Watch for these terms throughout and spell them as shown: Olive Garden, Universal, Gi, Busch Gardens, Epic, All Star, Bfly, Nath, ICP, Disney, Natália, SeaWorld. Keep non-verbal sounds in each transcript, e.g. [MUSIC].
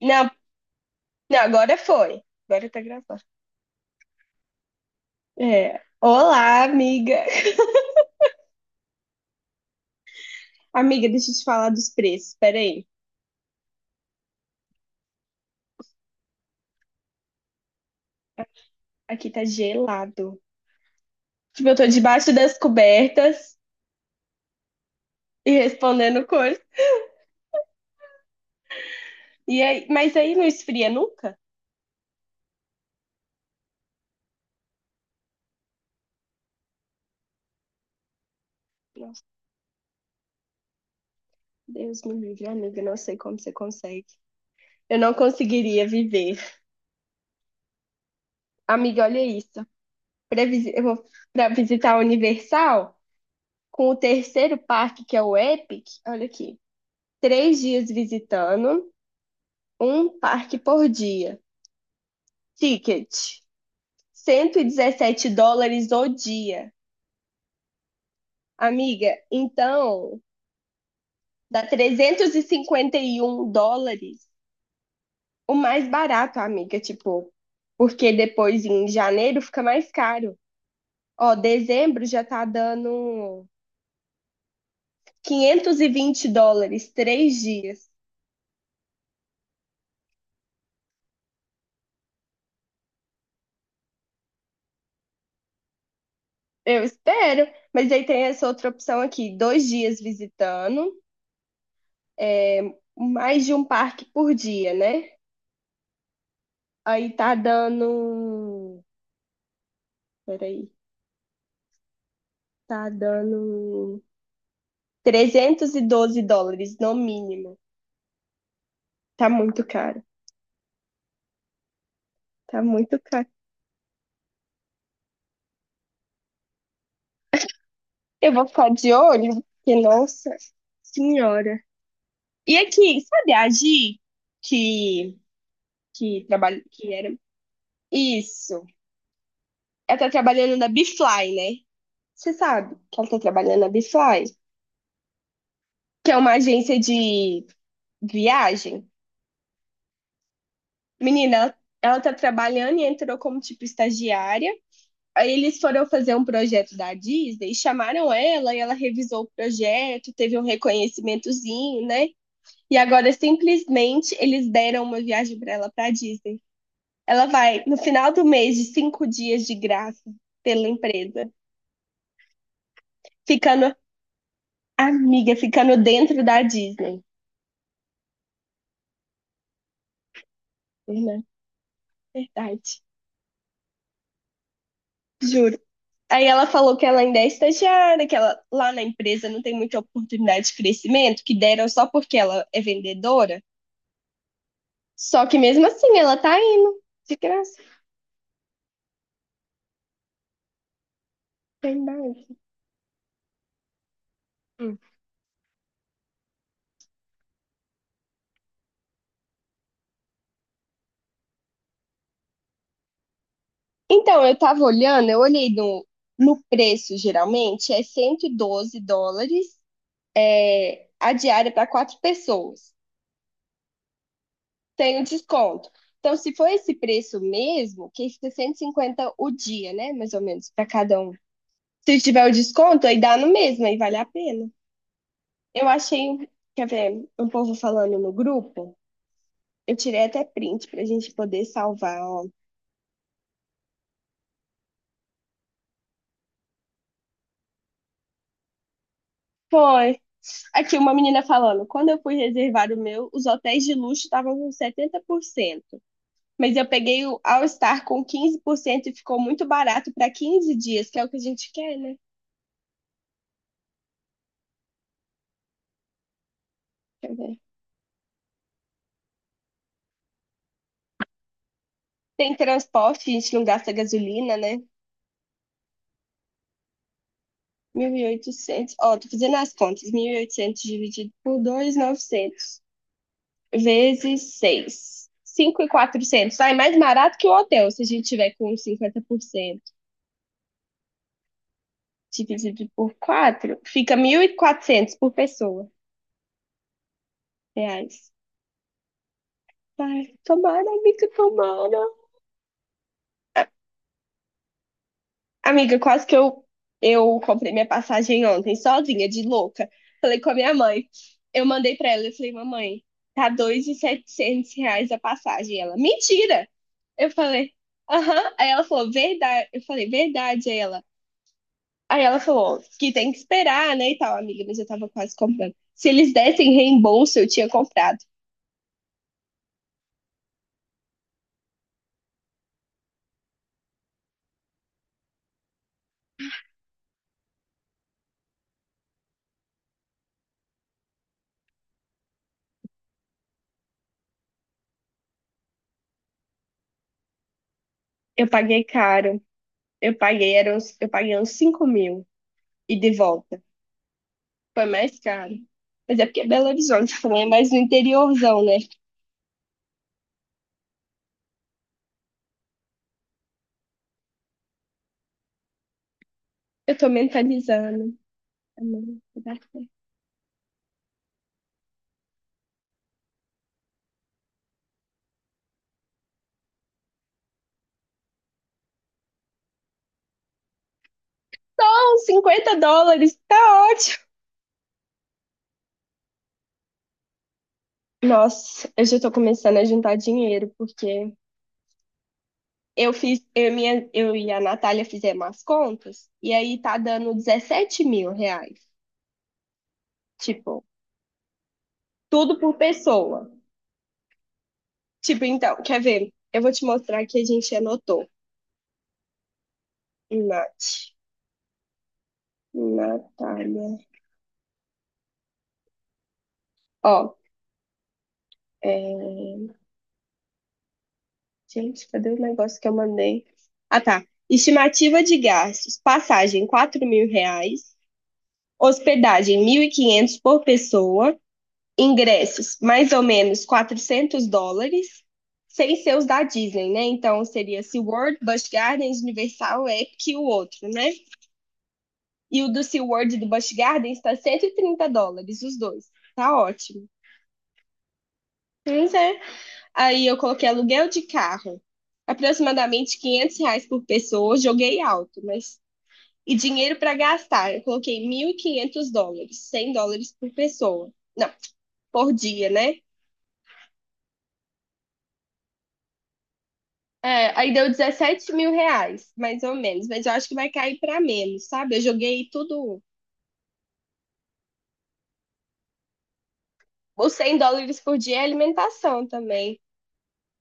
Não, não, agora foi. Agora tá gravando. É. Olá, amiga. [LAUGHS] Amiga, deixa eu te falar dos preços. Peraí. Aqui tá gelado. Tipo, eu tô debaixo das cobertas e respondendo coisas. E aí, mas aí não esfria nunca? Nossa, Deus me livre, amiga. Eu não sei como você consegue. Eu não conseguiria viver. Amiga, olha isso. Eu vou pra visitar a Universal com o terceiro parque, que é o Epic. Olha aqui. Três dias visitando. Um parque por dia. Ticket, $117 o dia. Amiga, então dá $351. O mais barato, amiga, tipo, porque depois em janeiro fica mais caro. Ó, dezembro já tá dando $520, três dias. Eu espero, mas aí tem essa outra opção aqui, dois dias visitando, é, mais de um parque por dia, né? Aí tá dando. Peraí. Tá dando $312 no mínimo. Tá muito caro. Tá muito caro. Eu vou ficar de olho, porque, nossa senhora. E aqui, sabe a Gi que, que trabalha, que era. Isso. Ela tá trabalhando na Bfly, né? Você sabe que ela tá trabalhando na Bfly, que é uma agência de viagem. Menina, ela tá trabalhando e entrou como tipo estagiária. Aí eles foram fazer um projeto da Disney, chamaram ela e ela revisou o projeto, teve um reconhecimentozinho, né? E agora simplesmente eles deram uma viagem para ela para Disney. Ela vai no final do mês de cinco dias de graça pela empresa, ficando amiga, ficando dentro da Disney. Né? Verdade, juro. Aí ela falou que ela ainda é estagiária, que ela lá na empresa não tem muita oportunidade de crescimento, que deram só porque ela é vendedora. Só que mesmo assim, ela tá indo. De graça, tem mais. Hum. Então, eu tava olhando, eu olhei no preço, geralmente, é $112 é, a diária para quatro pessoas. Tem o desconto. Então, se for esse preço mesmo, que fica 150 o dia, né? Mais ou menos, para cada um. Se tiver o desconto, aí dá no mesmo, aí vale a pena. Eu achei, quer ver, um povo falando no grupo. Eu tirei até print pra gente poder salvar, ó. Foi. Aqui, uma menina falando, quando eu fui reservar o meu, os hotéis de luxo estavam com 70%, mas eu peguei o All Star com 15% e ficou muito barato para 15 dias, que é o que a gente quer, né? Deixa eu ver. Tem transporte, a gente não gasta gasolina, né? 1.800. Ó, tô fazendo as contas. 1.800 dividido por dois, 1.900 vezes seis. 5.400. Sai mais barato que o hotel, se a gente tiver com 50% dividido por 4. Fica 1.400 por pessoa. Reais. Ai, tomara. Amiga, quase que eu comprei minha passagem ontem, sozinha, de louca. Falei com a minha mãe. Eu mandei pra ela, eu falei, mamãe, tá R$ 2.700 a passagem. Ela, mentira! Eu falei, aham. Aí ela falou, verdade. Eu falei, verdade. Aí ela falou que tem que esperar, né, e tal, amiga, mas eu tava quase comprando. Se eles dessem reembolso, eu tinha comprado. Eu paguei caro. Eu paguei, era uns, eu paguei uns 5.000 e de volta. Foi mais caro. Mas é porque é Belo Horizonte também, é mais no interiorzão, né? Eu tô mentalizando. Amém, vai dar certo. Então, $50, tá ótimo. Nossa, eu já tô começando a juntar dinheiro, porque eu fiz, eu, e minha, eu e a Natália fizemos as contas, e aí tá dando 17 mil reais. Tipo, tudo por pessoa. Tipo, então, quer ver? Eu vou te mostrar que a gente anotou. Nath, Natália. Ó, é, gente, cadê o negócio que eu mandei? Ah, tá. Estimativa de gastos: passagem R$ 4.000, hospedagem 1.500 por pessoa, ingressos mais ou menos $400, sem ser os da Disney, né? Então seria SeaWorld, Busch Gardens, Universal, Epic e o outro, né? E o do SeaWorld e do Busch Gardens está $130, os dois. Tá ótimo. Mas é, aí eu coloquei aluguel de carro, aproximadamente R$ 500 por pessoa, joguei alto, mas. E dinheiro para gastar, eu coloquei $1.500, $100 por pessoa. Não, por dia, né? É, aí deu 17 mil reais, mais ou menos, mas eu acho que vai cair para menos, sabe? Eu joguei tudo. Os $100 por dia é alimentação também.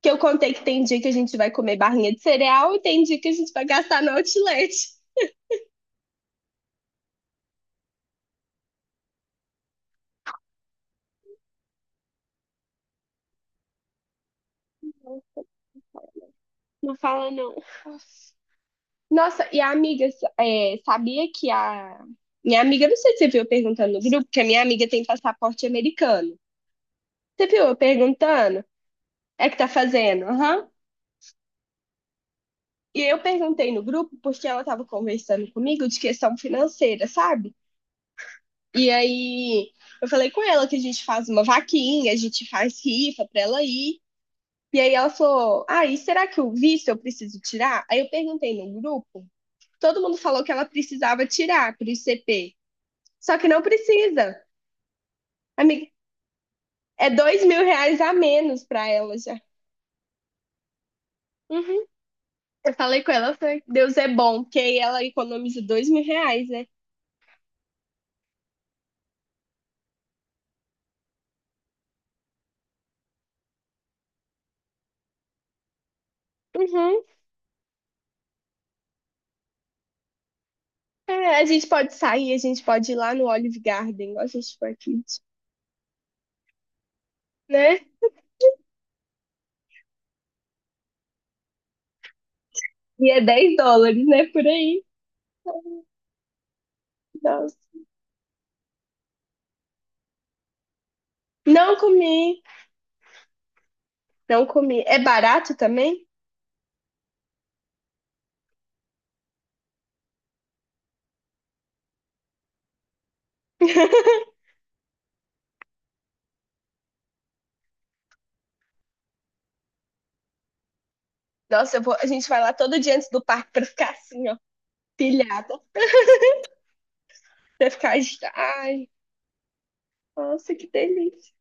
Que eu contei que tem dia que a gente vai comer barrinha de cereal e tem dia que a gente vai gastar no outlet. Não fala, não. Nossa, e a amiga, é, sabia que a. Minha amiga, não sei se você viu eu perguntando no grupo, que a minha amiga tem passaporte americano. Você viu eu perguntando? É que tá fazendo? Aham. E eu perguntei no grupo porque ela tava conversando comigo de questão financeira, sabe? E aí eu falei com ela que a gente faz uma vaquinha, a gente faz rifa pra ela ir. E aí ela falou: ah, e será que o visto eu preciso tirar? Aí eu perguntei no grupo, todo mundo falou que ela precisava tirar pro ICP. Só que não precisa. Amiga, é R$ 2.000 a menos pra ela já. Uhum. Eu falei com ela, foi, Deus é bom, porque aí ela economiza R$ 2.000, né? Uhum. É, a gente pode sair, a gente pode ir lá no Olive Garden, igual a gente foi aqui, né? E é $10, né? Por aí. Nossa. Não comi, não comi. É barato também? [LAUGHS] Nossa, a gente vai lá todo dia antes do parque pra ficar assim, ó, pilhada. [LAUGHS] Pra ficar. Ai, nossa, que delícia.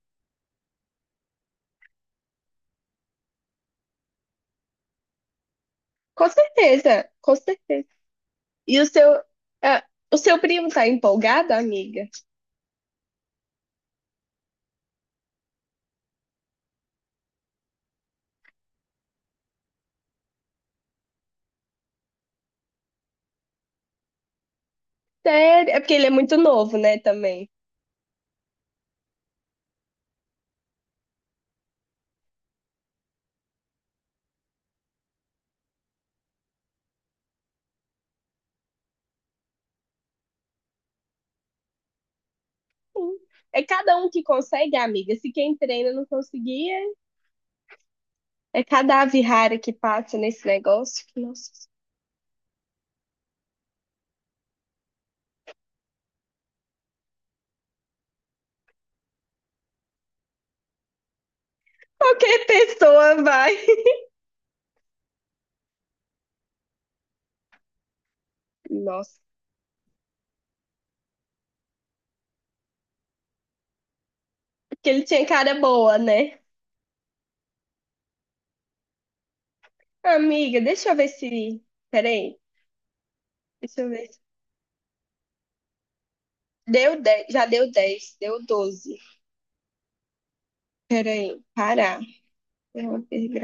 Com certeza, com certeza. E o seu, ah, o seu primo tá empolgado, amiga? Sério? É porque ele é muito novo, né, também. Sim. É cada um que consegue, amiga. Se quem treina não conseguia, é cada ave rara que passa nesse negócio. Que, nossa, qualquer pessoa vai. [LAUGHS] Nossa, porque ele tinha cara boa, né? Amiga, deixa eu ver se. Peraí, deixa eu ver. Deu 10, já deu 10, deu 12. Peraí, parar. É uma pergunta.